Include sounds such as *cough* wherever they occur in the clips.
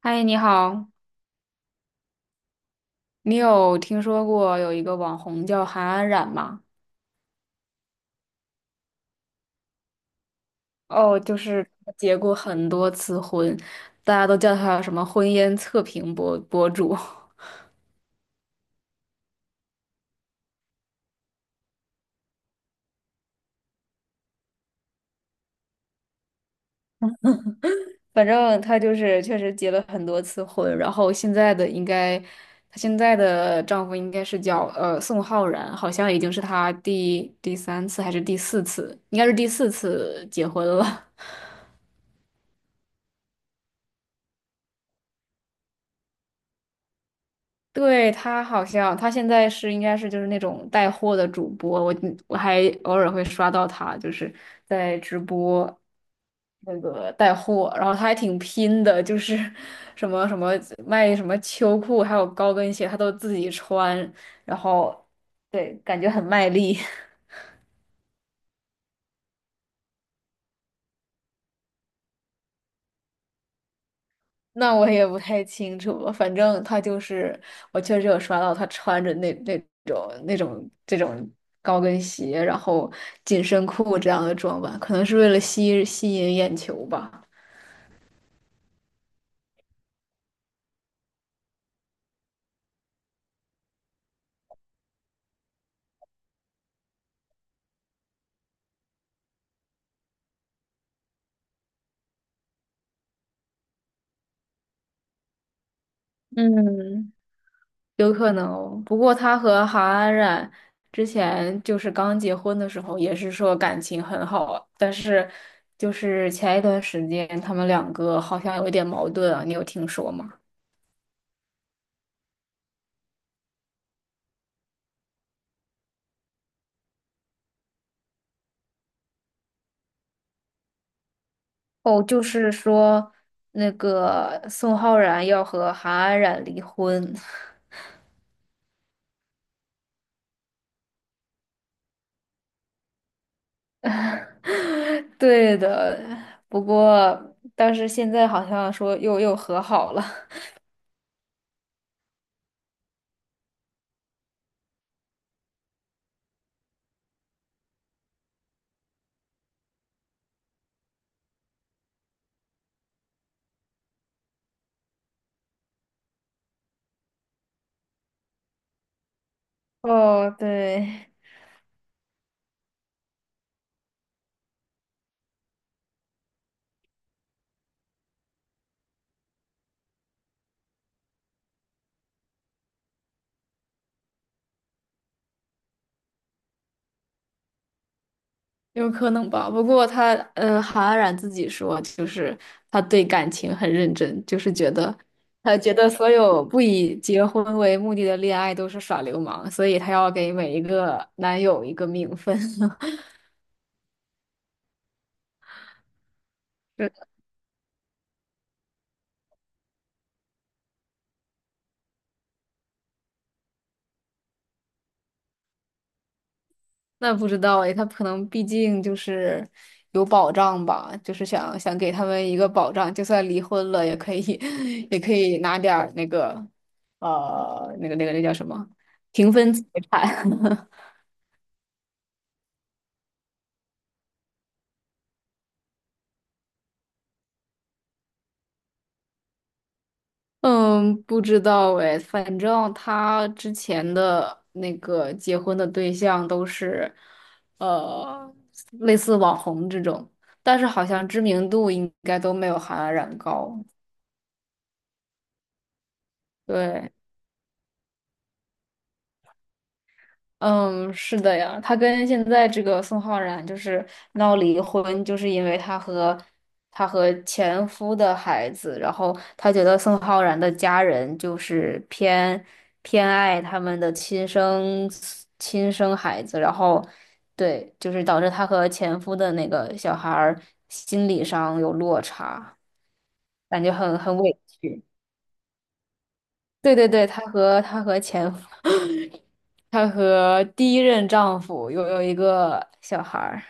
嗨，你好，你有听说过有一个网红叫韩安冉吗？哦，就是她结过很多次婚，大家都叫她什么婚姻测评博主。*laughs* 反正她就是确实结了很多次婚，然后现在的应该，她现在的丈夫应该是叫宋浩然，好像已经是她第三次还是第四次，应该是第四次结婚了。对，他好像，他现在是应该是就是那种带货的主播，我还偶尔会刷到他，就是在直播那个带货，然后他还挺拼的，就是 *laughs* 什么什么卖什么秋裤，还有高跟鞋，他都自己穿，然后对，感觉很卖力。*laughs* 那我也不太清楚了反正他就是，我确实有刷到他穿着那那种那种这种高跟鞋，然后紧身裤这样的装扮，可能是为了吸引眼球吧。嗯，有可能哦不过他和韩安冉之前就是刚结婚的时候，也是说感情很好，但是就是前一段时间他们两个好像有一点矛盾啊，你有听说吗？哦，就是说那个宋浩然要和韩安冉离婚。*laughs* 对的，不过但是现在好像说又和好了。*laughs* 哦，对，有可能吧。不过他，韩安冉自己说，就是他对感情很认真，就是觉得他觉得所有不以结婚为目的的恋爱都是耍流氓，所以他要给每一个男友一个名分。*laughs* 那不知道哎，他可能毕竟就是有保障吧，就是想想给他们一个保障，就算离婚了也可以，*laughs* 也可以拿点儿那个，那叫什么平分财产。*laughs* 嗯，不知道哎，反正他之前的那个结婚的对象都是，呃，类似网红这种，但是好像知名度应该都没有韩安冉高。对。嗯，是的呀，他跟现在这个宋浩然就是闹离婚，就是因为他和前夫的孩子，然后他觉得宋浩然的家人就是偏爱他们的亲生孩子，然后对，就是导致他和前夫的那个小孩儿心理上有落差，感觉很委屈。对对对，她和前夫，*laughs* 她和第1任丈夫有一个小孩儿，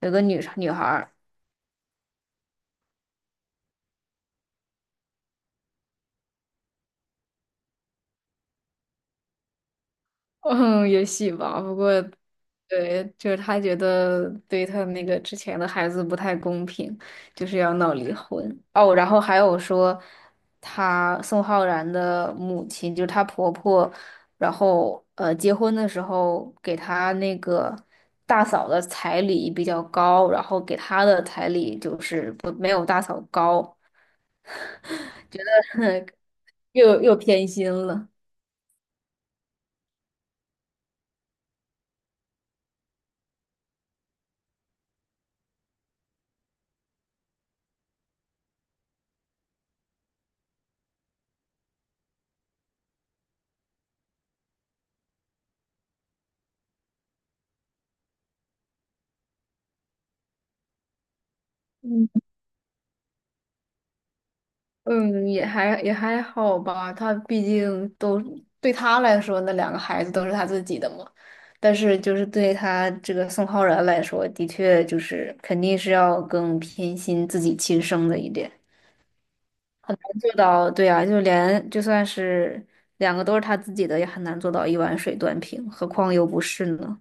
有个女孩儿。*laughs* 嗯，也许吧。不过，对，就是他觉得对他那个之前的孩子不太公平，就是要闹离婚。哦，然后还有说，他宋浩然的母亲，就是她婆婆，然后结婚的时候给他那个大嫂的彩礼比较高，然后给他的彩礼就是不没有大嫂高，*laughs* 又偏心了。嗯，也还好吧，他毕竟都对他来说，那两个孩子都是他自己的嘛。但是就是对他这个宋浩然来说，的确就是肯定是要更偏心自己亲生的一点，很难做到。对啊，就连就算是两个都是他自己的，也很难做到一碗水端平，何况又不是呢？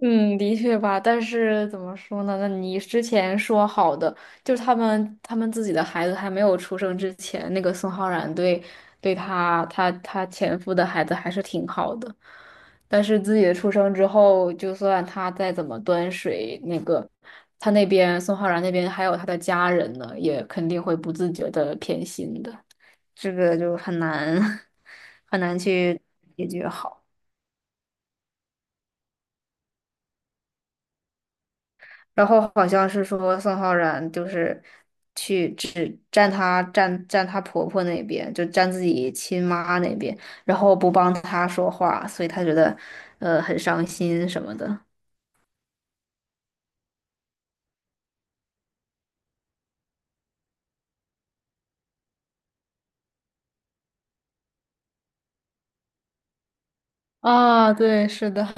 嗯，的确吧，但是怎么说呢？那你之前说好的，就是他们自己的孩子还没有出生之前，那个宋浩然对他前夫的孩子还是挺好的，但是自己的出生之后，就算他再怎么端水，那个他那边宋浩然那边还有他的家人呢，也肯定会不自觉的偏心的，这个就很难 *laughs* 很难去解决好。然后好像是说宋浩然就是去只站她站站她婆婆那边，就站自己亲妈那边，然后不帮她说话，所以她觉得很伤心什么的。啊，对，是的。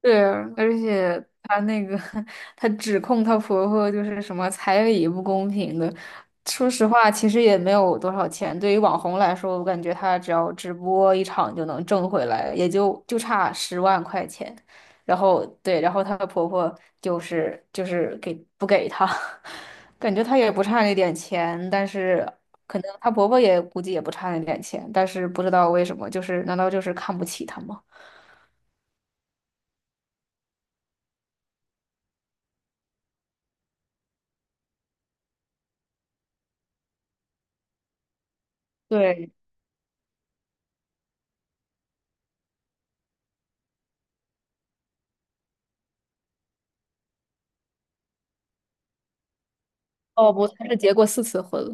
对啊，而且她那个，*laughs* 她指控她婆婆就是什么彩礼不公平的。说实话，其实也没有多少钱。对于网红来说，我感觉她只要直播一场就能挣回来，也就差10万块钱。然后对，然后她的婆婆就是给不给她，*laughs* 感觉她也不差那点钱，但是可能她婆婆也估计也不差那点钱，但是不知道为什么，就是难道就是看不起她吗？对，哦不，他是结过4次婚了，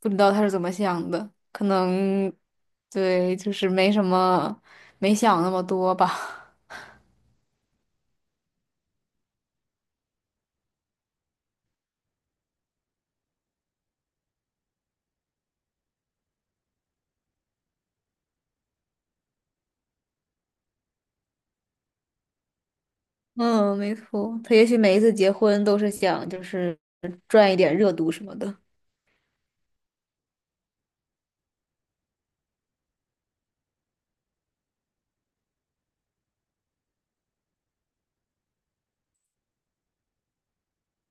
不知道他是怎么想的，可能对，就是没什么，没想那么多吧。*laughs* 嗯，没错，他也许每一次结婚都是想就是赚一点热度什么的。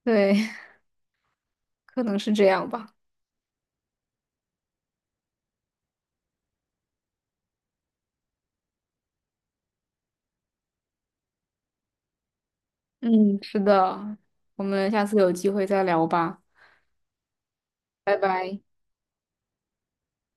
对，*laughs* 可能是这样吧。嗯，是的，我们下次有机会再聊吧，拜拜。